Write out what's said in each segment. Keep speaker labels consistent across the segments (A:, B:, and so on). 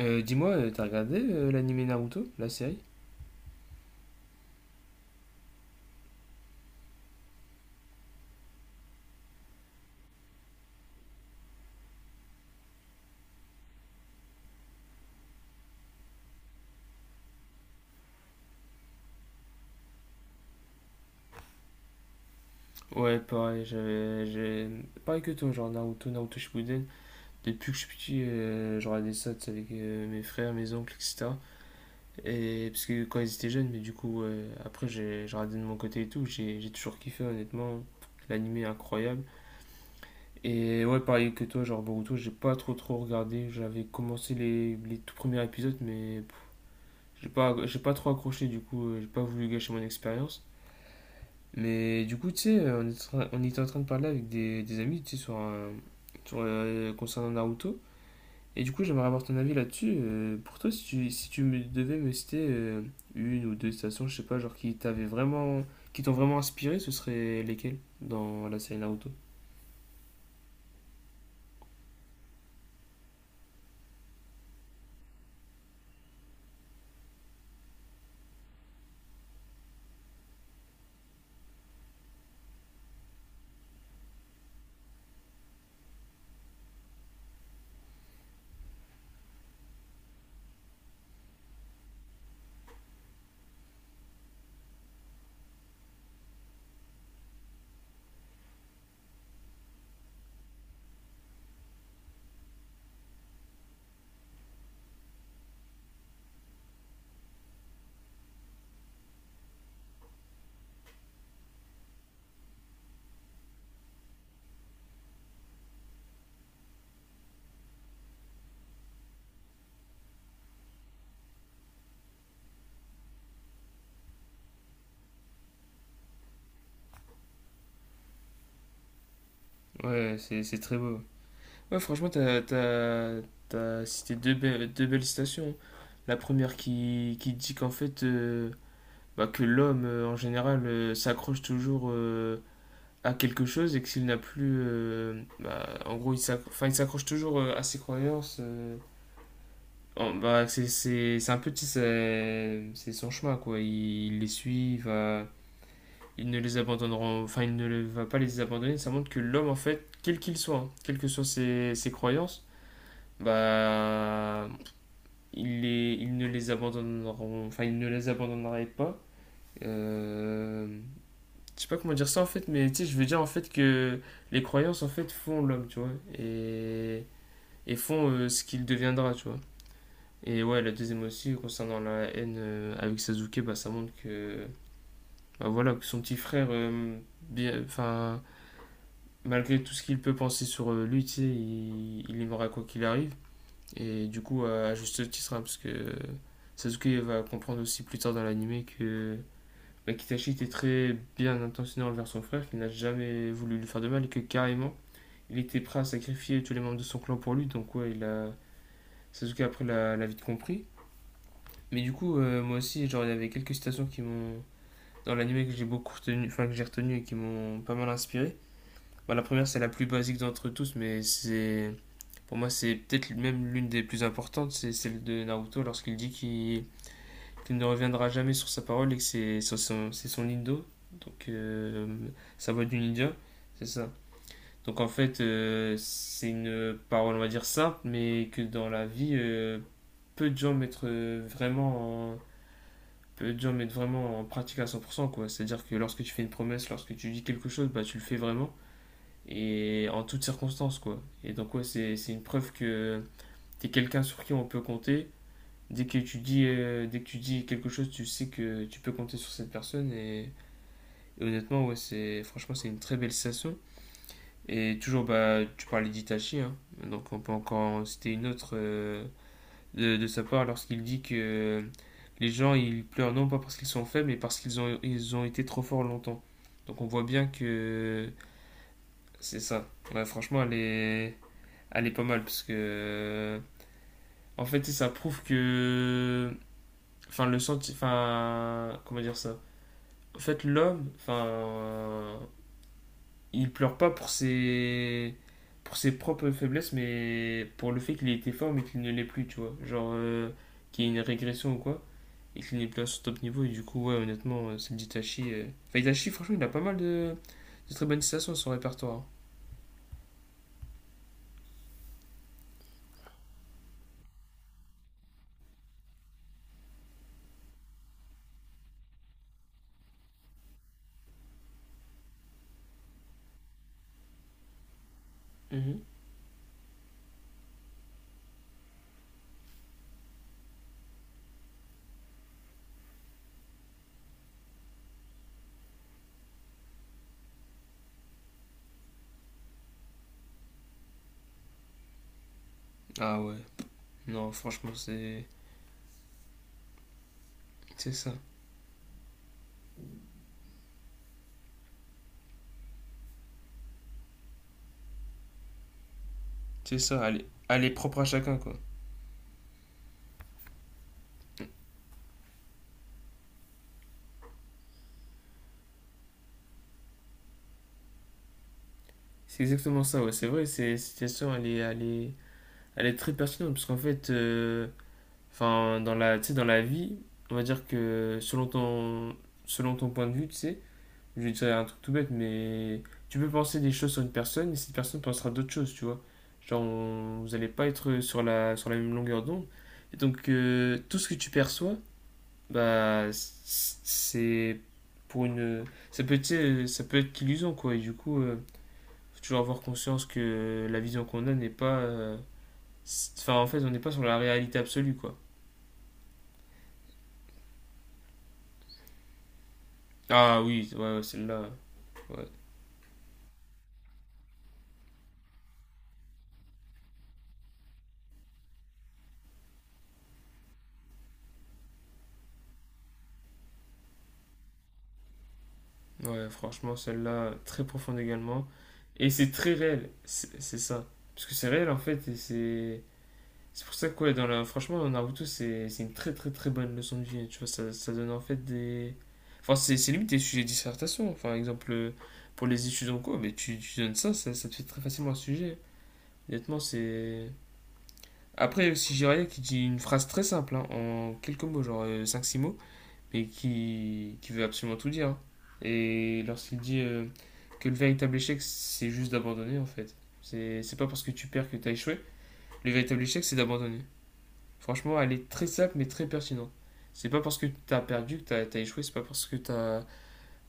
A: T'as regardé l'anime Naruto, la série? Ouais, pareil, j'ai... Pareil que toi, genre Naruto, Naruto Shippuden. Depuis que je suis petit, je regardais ça tu sais, avec mes frères, mes oncles, etc. Et parce que quand ils étaient jeunes, mais du coup, ouais, après, j'ai regardé de mon côté et tout. J'ai toujours kiffé, honnêtement. L'anime est incroyable. Et ouais, pareil que toi, genre Boruto, j'ai pas trop regardé. J'avais commencé les tout premiers épisodes, mais pff, j'ai pas trop accroché, du coup, j'ai pas voulu gâcher mon expérience. Mais du coup, tu sais, on était en train de parler avec des amis, tu sais, concernant Naruto. Et du coup, j'aimerais avoir ton avis là-dessus. Pour toi, si tu me devais me citer une ou deux stations, je sais pas, genre qui t'ont vraiment inspiré, ce serait lesquelles dans la série Naruto? Ouais, c'est très beau. Ouais, franchement, t'as cité deux belles citations. La première qui dit qu'en fait, bah, que l'homme en général s'accroche toujours à quelque chose et que s'il n'a plus. Bah, en gros, enfin, il s'accroche toujours à ses croyances. Oh, bah, c'est un petit. C'est son chemin, quoi. Il les suit, va, il ne les abandonnera. Enfin, il ne le- va pas les abandonner. Ça montre que l'homme, en fait, quel qu'il soit, hein, quelles que soient ses croyances, bah. Il ne les abandonneront. Enfin, il ne les abandonnerait pas. Euh, je sais pas comment dire ça en fait, mais tu sais, je veux dire en fait que les croyances en fait font l'homme, tu vois, et, et font ce qu'il deviendra, tu vois. Et ouais, la deuxième aussi, concernant la haine avec Sasuke, bah ça montre que, bah, voilà, que son petit frère, enfin, malgré tout ce qu'il peut penser sur lui, tu sais, il aimera quoi qu'il arrive. Et du coup, à juste titre, hein, parce que Sasuke va comprendre aussi plus tard dans l'anime que bah, Kitashi était très bien intentionné envers son frère, qu'il n'a jamais voulu lui faire de mal et que carrément, il était prêt à sacrifier tous les membres de son clan pour lui. Donc ouais, il a... Sasuke après l'a vite compris. Mais du coup, moi aussi, genre, il y avait quelques citations qui m'ont... Dans l'anime que j'ai beaucoup retenu, enfin que j'ai retenu et qui m'ont pas mal inspiré. Bah, la première, c'est la plus basique d'entre tous, mais c'est... Pour moi, c'est peut-être même l'une des plus importantes, c'est celle de Naruto lorsqu'il dit qu'il ne reviendra jamais sur sa parole et que c'est son indo, donc sa voix du ninja, c'est ça. Donc en fait, c'est une parole, on va dire, simple, mais que dans la vie, peu de gens mettent euh, vraiment en, peu de gens mettent vraiment en pratique à 100%, quoi. C'est-à-dire que lorsque tu fais une promesse, lorsque tu dis quelque chose, bah, tu le fais vraiment, et en toutes circonstances, quoi. Et donc, ouais, c'est une preuve que t'es quelqu'un sur qui on peut compter, dès que tu dis quelque chose, tu sais que tu peux compter sur cette personne. Et honnêtement, ouais, c'est, franchement, c'est une très belle sensation. Et toujours, bah, tu parlais d'Itachi, hein. Donc on peut encore en citer une autre de sa part lorsqu'il dit que les gens, ils pleurent non pas parce qu'ils sont faibles, mais parce ils ont été trop forts longtemps. Donc on voit bien que c'est ça. Ouais, franchement, elle est pas mal parce que en fait, ça prouve que, enfin, comment dire ça, en fait, il pleure pas pour pour ses propres faiblesses, mais pour le fait qu'il ait été fort, mais qu'il ne l'est plus, tu vois. Genre, qu'il y ait une régression ou quoi, et qu'il n'est plus à son top niveau, et du coup, ouais, honnêtement, celle d'Itachi. Enfin, Itachi, franchement, il a pas mal de très bonnes citations à son répertoire. Hein. Ah ouais, non, franchement, c'est. C'est ça. C'est ça, elle est propre à chacun, quoi. C'est exactement ça, ouais, c'est vrai, c'est- cette citation, elle est, elle est, elle est très pertinente, parce qu'en fait. Enfin, dans tu sais, dans la vie, on va dire que selon ton point de vue, tu sais, je vais dire un truc tout bête, mais tu peux penser des choses sur une personne et cette personne pensera d'autres choses, tu vois. Genre, vous n'allez pas être sur sur la même longueur d'onde. Et donc, tout ce que tu perçois, c'est pour une. Ça peut être, tu sais, ça peut être qu'illusion, quoi. Et du coup, faut toujours avoir conscience que la vision qu'on a n'est pas. Enfin, en fait, on n'est pas sur la réalité absolue, quoi. Ah oui, ouais, ouais, celle-là. Ouais. Ouais, franchement, celle-là, très profonde également. Et c'est très réel, c'est ça. Parce que c'est réel en fait, et c'est pour ça que, ouais, dans la... franchement, dans Naruto, c'est une très bonne leçon de vie. Tu vois, ça donne en fait des. Enfin, c'est limite des sujets de dissertation. Enfin, exemple, pour les études en cours, mais tu donnes ça, ça te fait très facilement un sujet. Honnêtement, c'est. Après, aussi, Jiraiya qui dit une phrase très simple, hein, en quelques mots, genre cinq six mots, mais qui veut absolument tout dire. Hein. Et lorsqu'il dit que le véritable échec, c'est juste d'abandonner, en fait. C'est pas parce que tu perds que t'as échoué. Le véritable échec, c'est d'abandonner. Franchement, elle est très simple, mais très pertinente. C'est pas parce que t'as perdu que t'as échoué, c'est pas parce que t'as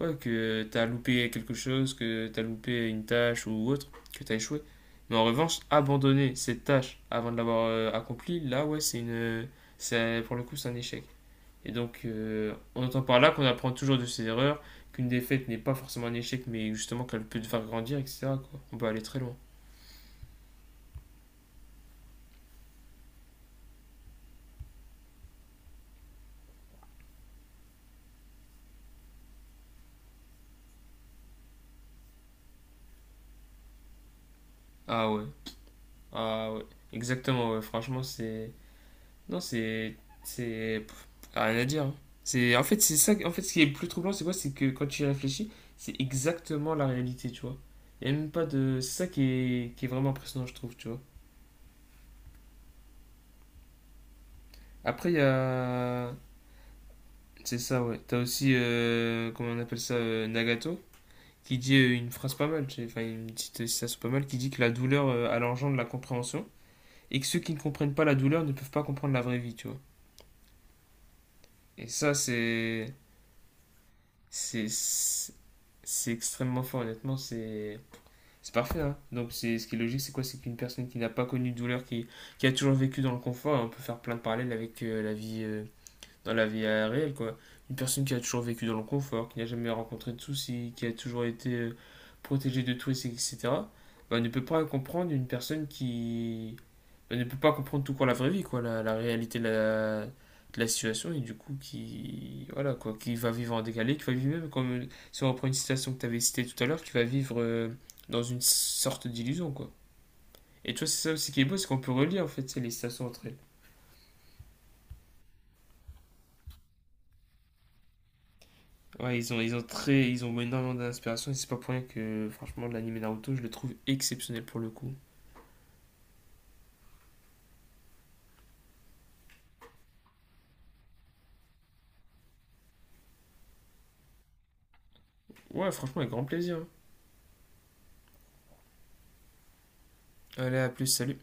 A: ouais, que t'as loupé quelque chose, que t'as loupé une tâche ou autre, que t'as échoué. Mais en revanche, abandonner cette tâche avant de l'avoir accomplie, là, ouais, c'est une. Pour le coup, c'est un échec. Et donc, on entend par là qu'on apprend toujours de ses erreurs, qu'une défaite n'est pas forcément un échec, mais justement qu'elle peut te faire grandir, etc. quoi. On peut aller très loin. Ah ouais, ah ouais, exactement, ouais. Franchement, c'est. Non, c'est. C'est. Pff, rien à dire. Hein. C'est... En fait, c'est ça. En fait, ce qui est le plus troublant, c'est quoi? C'est que quand tu y réfléchis, c'est exactement la réalité, tu vois. Il n'y a même pas de. C'est ça qui est vraiment impressionnant, je trouve, tu vois. Après, il y a. C'est ça, ouais. T'as aussi. Comment on appelle ça? Nagato, qui dit une phrase pas mal, enfin une petite citation pas mal, qui dit que la douleur a l'engendre de la compréhension et que ceux qui ne comprennent pas la douleur ne peuvent pas comprendre la vraie vie, tu vois. Et ça, c'est. C'est c'est extrêmement fort, honnêtement, c'est. C'est parfait, hein. Donc, c'est ce qui est logique, c'est quoi? C'est qu'une personne qui n'a pas connu de douleur, qui a toujours vécu dans le confort, hein, on peut faire plein de parallèles avec dans la vie réelle, quoi. Une personne qui a toujours vécu dans le confort, qui n'a jamais rencontré de soucis, qui a toujours été protégée de tout, et cetera ben, on ne peut pas comprendre une personne qui on ne peut pas comprendre tout court la vraie vie, quoi, la réalité de de la situation, et du coup, qui, voilà, quoi, qui va vivre en décalé, qui va vivre même, comme si on reprend une citation que tu avais citée tout à l'heure, qui va vivre dans une sorte d'illusion, quoi. Et tu vois, c'est ça aussi qui est beau, c'est qu'on peut relier, en fait, c'est les citations entre elles. Ouais, ils ont énormément d'inspiration et c'est pas pour rien que, franchement, l'anime Naruto, je le trouve exceptionnel pour le coup. Ouais, franchement, avec grand plaisir. Allez, à plus, salut.